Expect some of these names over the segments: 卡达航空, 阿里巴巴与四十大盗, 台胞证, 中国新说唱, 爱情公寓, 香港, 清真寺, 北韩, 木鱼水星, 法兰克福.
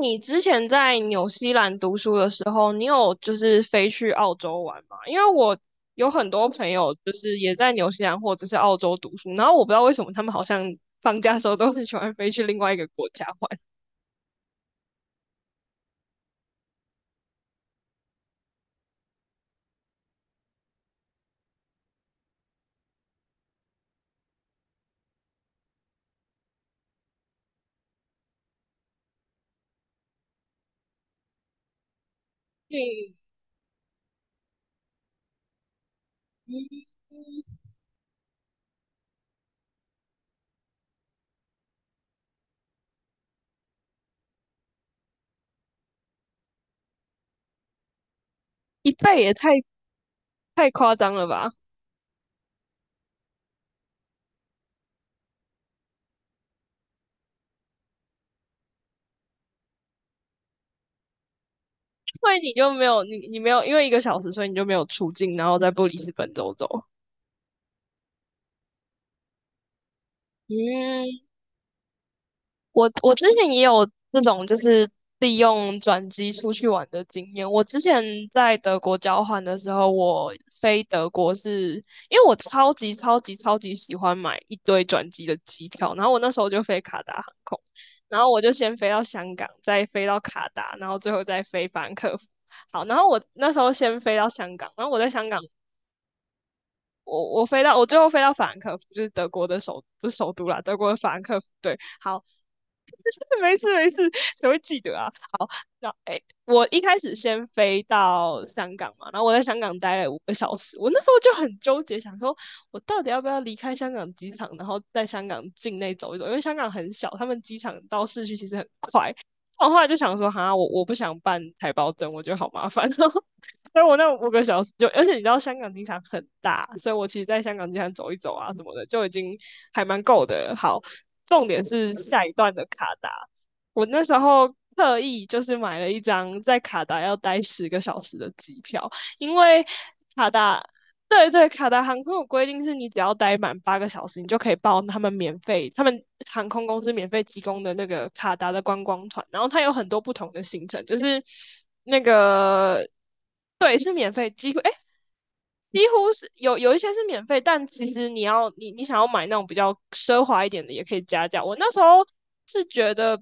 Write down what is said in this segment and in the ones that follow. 你之前在纽西兰读书的时候，你有就是飞去澳洲玩吗？因为我有很多朋友就是也在纽西兰或者是澳洲读书，然后我不知道为什么他们好像放假的时候都很喜欢飞去另外一个国家玩。嗯，嗯一倍也太夸张了吧？所以你没有因为一个小时，所以你就没有出境，然后在布里斯本走走。嗯，我之前也有这种就是利用转机出去玩的经验。我之前在德国交换的时候，我飞德国是因为我超级超级超级喜欢买一堆转机的机票，然后我那时候就飞卡达航空，然后我就先飞到香港，再飞到卡达，然后最后再飞法兰克福。好，然后我那时候先飞到香港，然后我在香港，我最后飞到法兰克福，就是德国的不是首都啦，德国的法兰克福。对，好。没事没事，谁会记得啊？好，那我一开始先飞到香港嘛，然后我在香港待了五个小时，我那时候就很纠结，想说我到底要不要离开香港机场，然后在香港境内走一走，因为香港很小，他们机场到市区其实很快。我后来就想说，我不想办台胞证，我觉得好麻烦哦。所以我那5个小时就，而且你知道香港机场很大，所以我其实在香港机场走一走啊什么的，就已经还蛮够的了好，重点是下一段的卡达，我那时候特意就是买了一张在卡达要待10个小时的机票，因为卡达。对对，卡达航空有规定是你只要待满八个小时，你就可以报他们免费，他们航空公司免费提供的那个卡达的观光团，然后它有很多不同的行程，就是那个对是免费，几乎是有一些是免费，但其实你想要买那种比较奢华一点的，也可以加价。我那时候是觉得，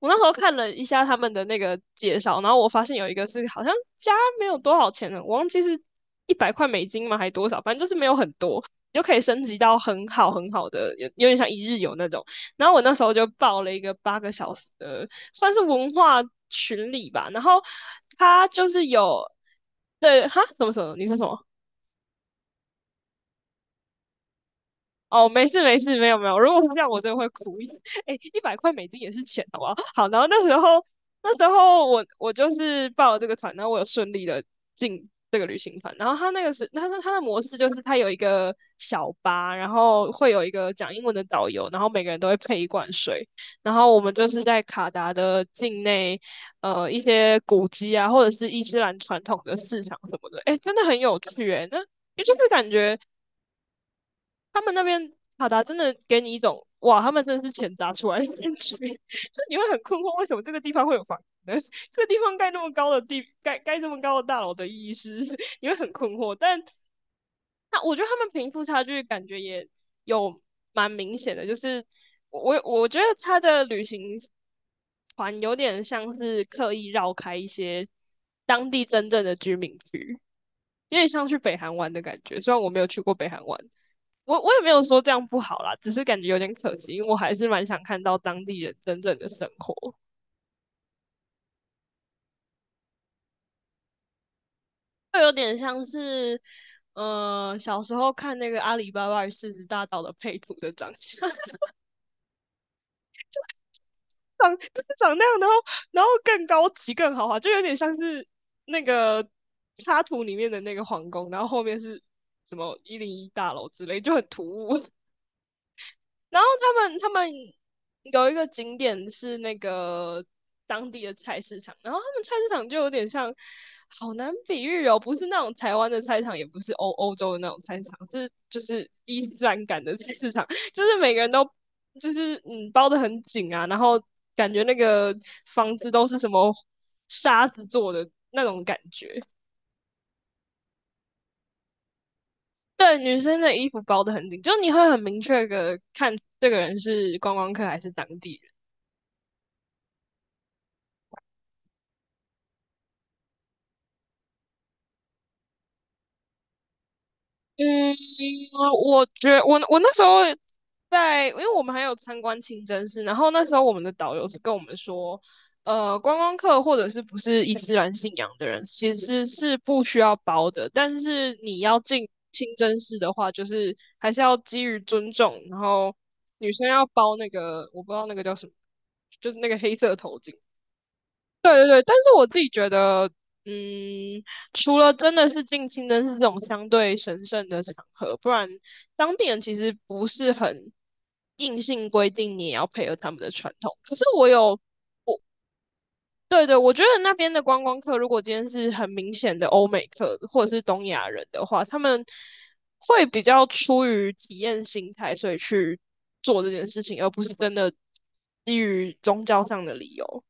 我那时候看了一下他们的那个介绍，然后我发现有一个是好像加没有多少钱的，我忘记是一百块美金嘛，还多少，反正就是没有很多，你就可以升级到很好很好的，有点像一日游那种。然后我那时候就报了一个八个小时的，算是文化群里吧，然后他就是有。对，什么什么？你说什么？哦，没事没事，没有没有。如果是这样，我真的会哭。哎，100块美金也是钱，好不好？好，然后那时候我就是报了这个团，然后我有顺利的进这个旅行团。然后他的模式就是他有一个小巴，然后会有一个讲英文的导游，然后每个人都会配一罐水。然后我们就是在卡达的境内，一些古迹啊，或者是伊斯兰传统的市场什么的。哎，真的很有趣哎，那。也就是感觉他们那边卡达真的给你一种哇，他们真的是钱砸出来的感觉，就你会很困惑，为什么这个地方会有房子呢 这个地方盖这么高的大楼的意义是，你会很困惑。但那我觉得他们贫富差距感觉也有蛮明显的，就是我觉得他的旅行团有点像是刻意绕开一些当地真正的居民区，有点像去北韩玩的感觉。虽然我没有去过北韩玩。我也没有说这样不好啦，只是感觉有点可惜，因为我还是蛮想看到当地人真正的生活，会有点像是，小时候看那个阿里巴巴与四十大盗的配图的长相，长就是长那样，然后更高级更豪华，就有点像是那个插图里面的那个皇宫，然后后面是什么101大楼之类，就很突兀。然后他们有一个景点是那个当地的菜市场，然后他们菜市场就有点像，好难比喻哦，不是那种台湾的菜市场，也不是欧洲的那种菜市场，是就是伊斯兰感的菜市场，就是每个人都就是包的很紧啊，然后感觉那个房子都是什么沙子做的那种感觉。对，女生的衣服包的很紧，就你会很明确的看这个人是观光客还是当地人。嗯，我觉我我那时候在，因为我们还有参观清真寺，然后那时候我们的导游是跟我们说，观光客或者是不是伊斯兰信仰的人，其实是不需要包的，但是你要进清真寺的话，就是还是要基于尊重，然后女生要包那个，我不知道那个叫什么，就是那个黑色头巾，对对对，但是我自己觉得，嗯，除了真的是近亲灯是这种相对神圣的场合，不然当地人其实不是很硬性规定你也要配合他们的传统。可是我有，对对，我觉得那边的观光客，如果今天是很明显的欧美客或者是东亚人的话，他们会比较出于体验心态，所以去做这件事情，而不是真的基于宗教上的理由。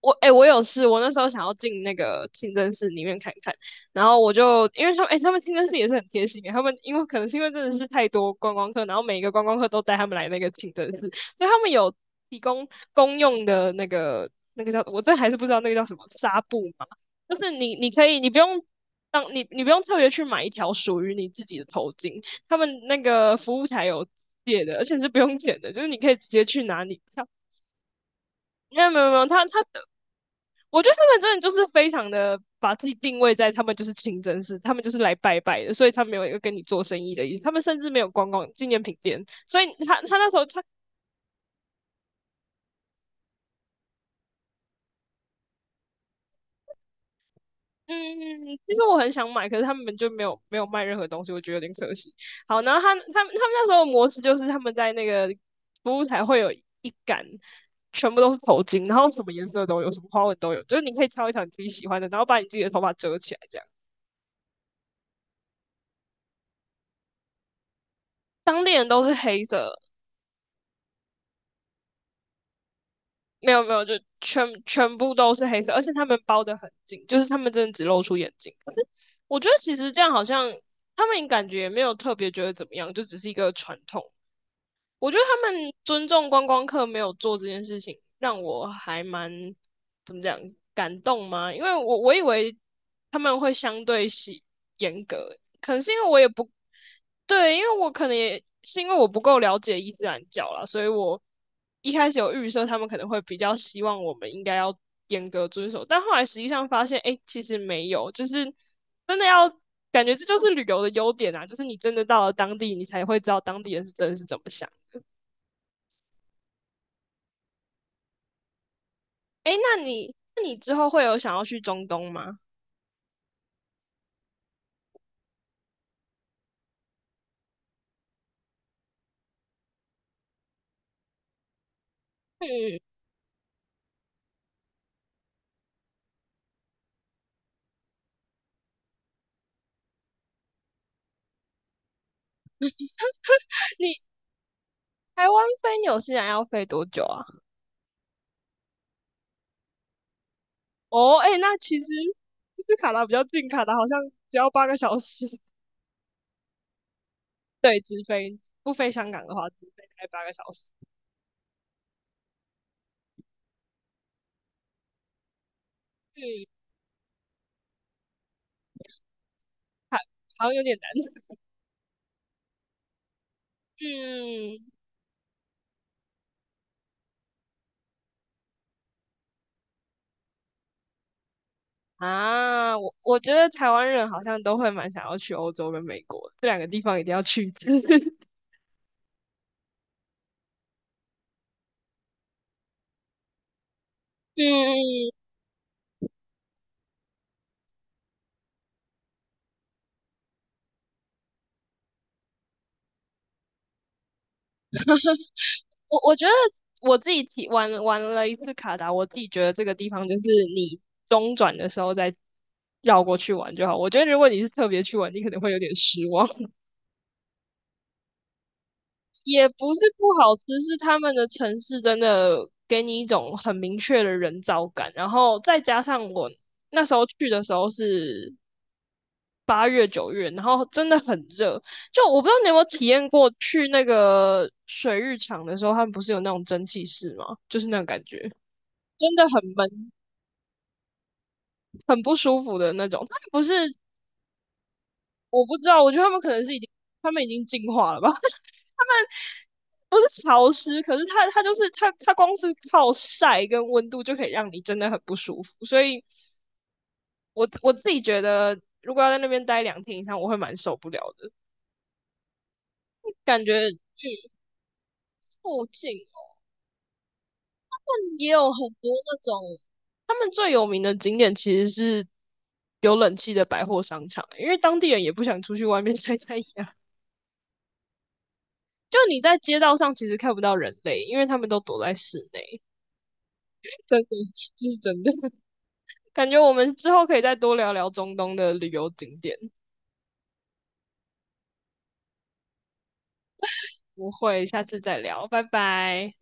我哎、欸我有事，我那时候想要进那个清真寺里面看看，然后我就因为说，他们清真寺也是很贴心欸他们因为可能是因为真的是太多观光客，然后每一个观光客都带他们来那个清真寺，所以他们有提供公用的那个叫我这还是不知道那个叫什么纱布嘛，就是你你可以你不用当你你不用特别去买一条属于你自己的头巾，他们那个服务台有借的，而且是不用钱的，就是你可以直接去拿你票。没有没有没有，他我觉得他们真的就是非常的把自己定位在他们就是清真寺，他们就是来拜拜的，所以他没有一个跟你做生意的意思，他们甚至没有逛逛纪念品店，所以他那时候他嗯，其实我很想买，可是他们就没有卖任何东西，我觉得有点可惜。好，然后他们那时候的模式就是他们在那个服务台会有一杆。全部都是头巾，然后什么颜色都有，什么花纹都有，就是你可以挑一条你自己喜欢的，然后把你自己的头发遮起来，这样。当地人都是黑色，没有没有，就全部都是黑色，而且他们包得很紧，就是他们真的只露出眼睛。可是我觉得其实这样好像他们感觉也没有特别觉得怎么样，就只是一个传统我觉得他们尊重观光客没有做这件事情，让我还蛮怎么讲感动吗？因为我以为他们会相对严格，可能是因为我也不对，因为我可能也是因为我不够了解伊斯兰教啦，所以我一开始有预设他们可能会比较希望我们应该要严格遵守，但后来实际上发现，哎，其实没有，就是真的要感觉这就是旅游的优点啊，就是你真的到了当地，你才会知道当地人是真的是怎么想。哎，那你之后会有想要去中东吗？嗯，你台湾飞纽西兰要飞多久啊？哦，哎，那其实卡达比较近，卡达好像只要八个小时。对，直飞，不飞香港的话，直飞大概八个小时。嗯，还好像有点难。嗯，啊，我觉得台湾人好像都会蛮想要去欧洲跟美国这两个地方，一定要去一次。嗯嗯嗯我觉得我自己玩了一次卡达，我自己觉得这个地方就是你中转的时候再绕过去玩就好。我觉得如果你是特别去玩，你可能会有点失望。也不是不好吃，是他们的城市真的给你一种很明确的人造感。然后再加上我那时候去的时候是8月9月，然后真的很热。就我不知道你有没有体验过去那个水浴场的时候，他们不是有那种蒸汽室吗？就是那种感觉。真的很闷，很不舒服的那种。他们不是，我不知道，我觉得他们可能是已经，他们已经进化了吧？不是潮湿，可是它光是靠晒跟温度就可以让你真的很不舒服。所以我自己觉得，如果要在那边待2天以上，我会蛮受不了的，感觉附近也有很多那种，他们最有名的景点其实是有冷气的百货商场欸，因为当地人也不想出去外面晒太阳。就你在街道上其实看不到人类，因为他们都躲在室内。真的，这是真的。感觉我们之后可以再多聊聊中东的旅游景点。不会，下次再聊，拜拜。